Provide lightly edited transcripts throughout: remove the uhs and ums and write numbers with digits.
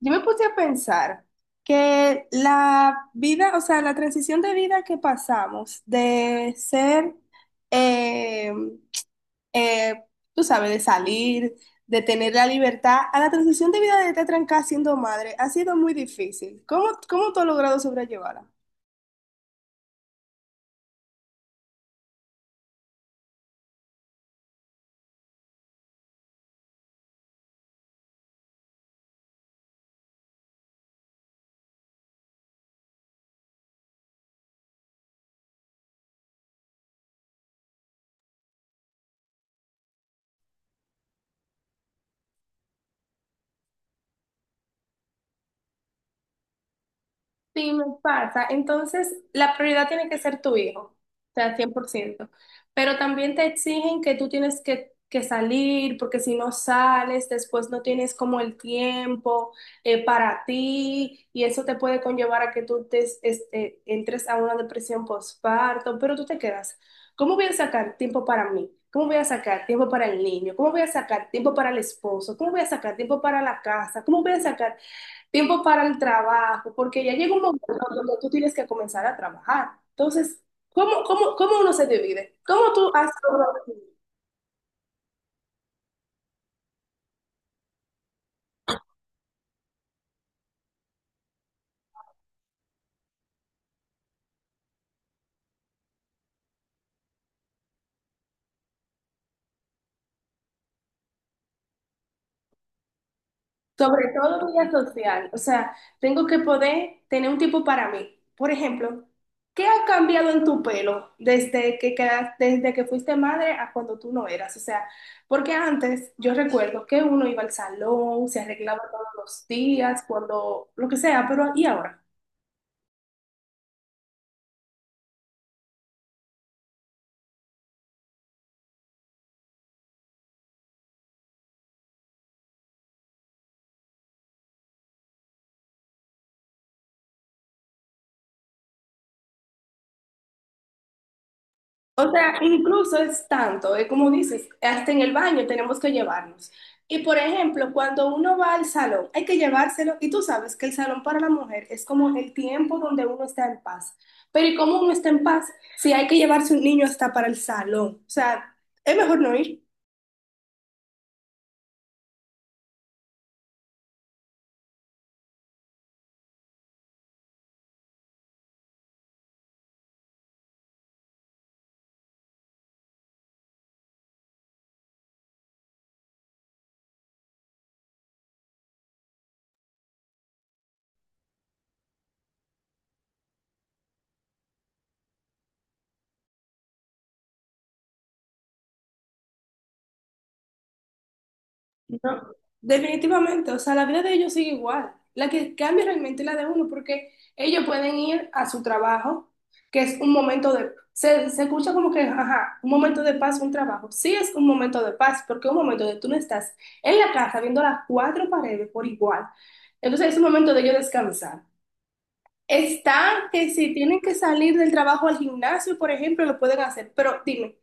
Yo me puse a pensar que la vida, o sea, la transición de vida que pasamos de ser, eh, eh, tú sabes, de salir, de tener la libertad, a la transición de vida de estar trancada siendo madre, ha sido muy difícil. ¿Cómo, cómo tú has logrado sobrellevarla? Sí, me pasa. Entonces, la prioridad tiene que ser tu hijo, o sea, 100%. Pero también te exigen que tú tienes que salir, porque si no sales, después no tienes como el tiempo para ti, y eso te puede conllevar a que tú te, este, entres a una depresión postparto, pero tú te quedas. ¿Cómo voy a sacar tiempo para mí? ¿Cómo voy a sacar tiempo para el niño? ¿Cómo voy a sacar tiempo para el esposo? ¿Cómo voy a sacar tiempo para la casa? ¿Cómo voy a sacar tiempo para el trabajo? Porque ya llega un momento donde tú tienes que comenzar a trabajar. Entonces, ¿cómo, cómo, cómo uno se divide? ¿Cómo tú has logrado dividir? ¿Sobre todo vida social? O sea, tengo que poder tener un tiempo para mí. Por ejemplo, ¿qué ha cambiado en tu pelo desde desde que fuiste madre a cuando tú no eras? O sea, porque antes yo recuerdo que uno iba al salón, se arreglaba todos los días, cuando, lo que sea, pero ¿y ahora? O sea, incluso es tanto, es como dices, hasta en el baño tenemos que llevarnos. Y por ejemplo, cuando uno va al salón, hay que llevárselo y tú sabes que el salón para la mujer es como el tiempo donde uno está en paz. Pero ¿y cómo uno está en paz si hay que llevarse un niño hasta para el salón? O sea, es mejor no ir. No, definitivamente, o sea, la vida de ellos sigue igual. La que cambia realmente es la de uno, porque ellos pueden ir a su trabajo, que es un momento de, se escucha como que, ajá, un momento de paz, un trabajo. Sí es un momento de paz, porque es un momento de tú no estás en la casa viendo las cuatro paredes por igual. Entonces es un momento de ellos descansar. Está que si tienen que salir del trabajo al gimnasio, por ejemplo, lo pueden hacer, pero dime.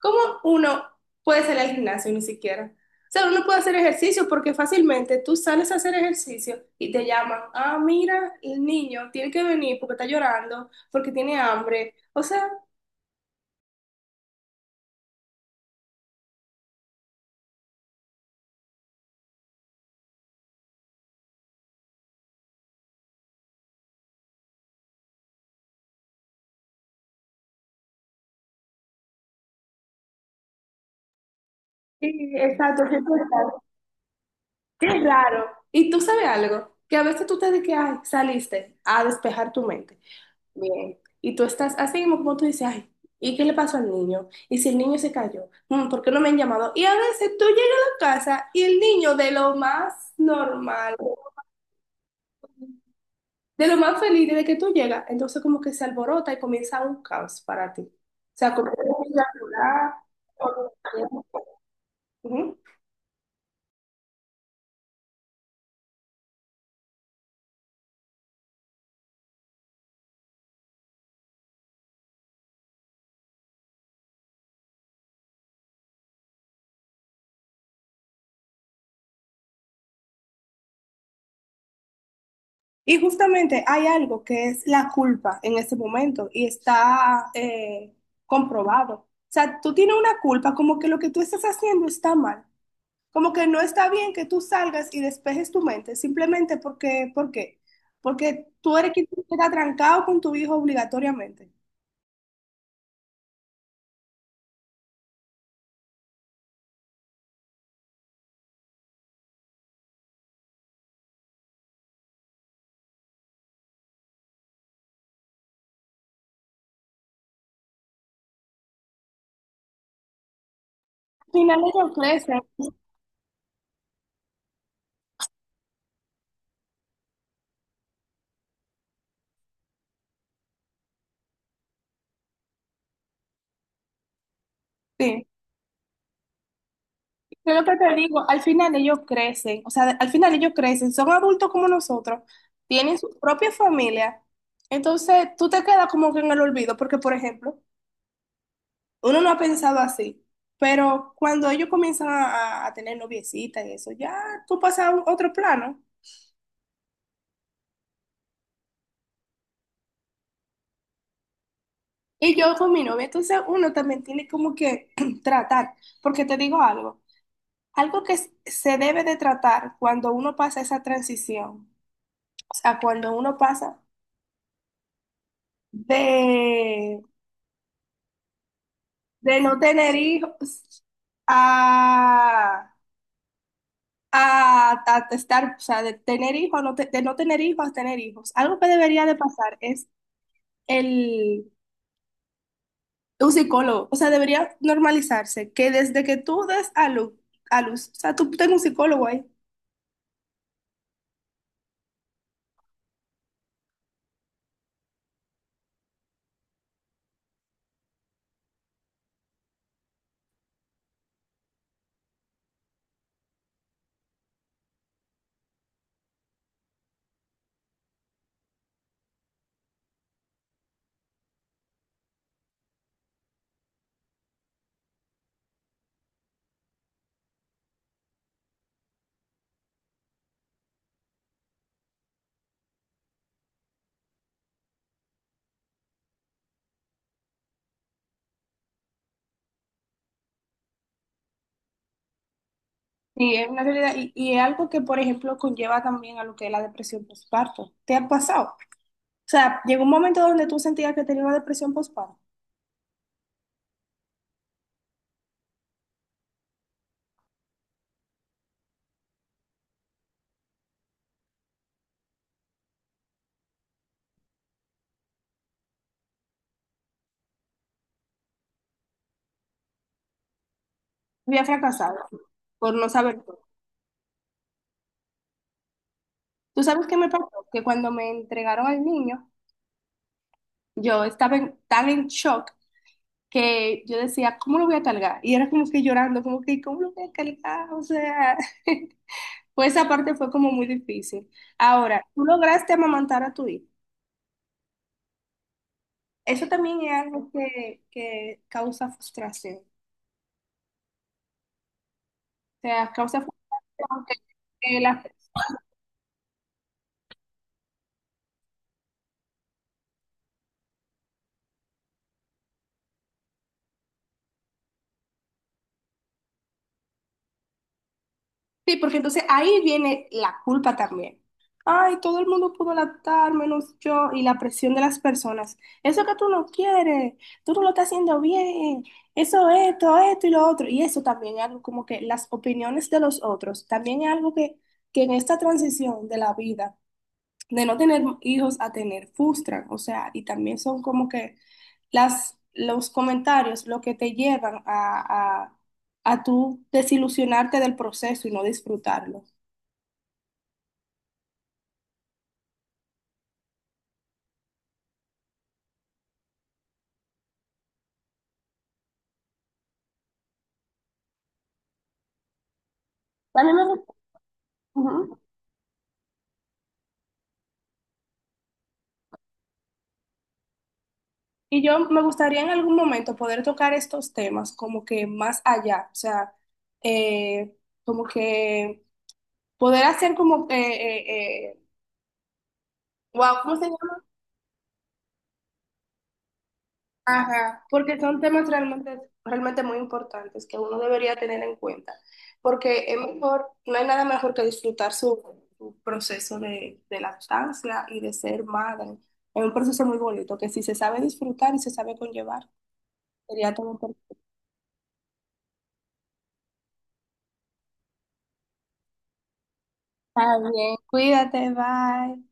¿Cómo uno puede salir al gimnasio ni siquiera? O sea, uno puede hacer ejercicio porque fácilmente tú sales a hacer ejercicio y te llaman, ah, mira, el niño tiene que venir porque está llorando, porque tiene hambre. O sea, sí, exacto, sí, exacto. Qué raro. Y tú sabes algo, que a veces tú te dices que "Ay, saliste a despejar tu mente. Bien." Y tú estás así mismo como tú dices, ay, ¿y qué le pasó al niño? ¿Y si el niño se cayó? Mm, ¿por qué no me han llamado? Y a veces tú llegas a la casa y el niño de lo más normal, de lo más feliz de que tú llegas, entonces como que se alborota y comienza un caos para ti. O sea, como que empieza a llorar, o- ujú. Y justamente hay algo que es la culpa en ese momento y está comprobado. O sea, tú tienes una culpa como que lo que tú estás haciendo está mal. Como que no está bien que tú salgas y despejes tu mente simplemente porque, ¿por qué? Porque tú eres quien queda trancado con tu hijo obligatoriamente. Al final ellos crecen. Sí, es lo que te digo, al final ellos crecen. O sea, al final ellos crecen. Son adultos como nosotros. Tienen su propia familia. Entonces tú te quedas como que en el olvido. Porque, por ejemplo, uno no ha pensado así. Pero cuando ellos comienzan a, a tener noviecita y eso, ya tú pasas a un- otro plano. Y yo con mi novia, entonces uno también tiene como que tratar, porque te digo algo, algo que se debe de tratar cuando uno pasa esa transición, o sea, cuando uno pasa de, de no tener hijos a, a estar, o sea, de tener hijos, de no tener hijos a tener hijos, algo que debería de pasar es el, un psicólogo, o sea, debería normalizarse que desde que tú des a luz, o sea, tú tengas un psicólogo ahí. Sí, es una realidad y es algo que, por ejemplo, conlleva también a lo que es la depresión postparto. ¿Te ha pasado? O sea, llegó un momento donde tú sentías que tenías una depresión postparto. Había fracasado por no saber todo. ¿Tú sabes qué me pasó? Que cuando me entregaron al niño, yo estaba tan en shock que yo decía, ¿cómo lo voy a cargar? Y era como que llorando, como que, ¿cómo lo voy a cargar? O sea, pues esa parte fue como muy difícil. Ahora, tú lograste amamantar a tu hijo. Eso también es algo que causa frustración. Sea, causa frustración. Que- que la- Sí, porque entonces ahí viene la culpa también. Ay, todo el mundo pudo adaptar, menos yo, y la presión de las personas. Eso que tú no quieres, tú no lo estás haciendo bien, eso, esto y lo otro. Y eso también es algo como que las opiniones de los otros, también es algo que en esta transición de la vida, de no tener hijos a tener, frustran, o sea, y también son como que las, los comentarios lo que te llevan a tú desilusionarte del proceso y no disfrutarlo. A mí me gusta. Ujú. Y yo me gustaría en algún momento poder tocar estos temas como que más allá, o sea, eh, como que poder hacer como, wow, ¿cómo se llama? Ajá, porque son temas realmente, realmente muy importantes que uno debería tener en cuenta, porque es mejor, no hay nada mejor que disfrutar su, su proceso de lactancia y de ser madre. Es un proceso muy bonito que si se sabe disfrutar y se sabe conllevar, sería todo perfecto. Está bien, cuídate, bye.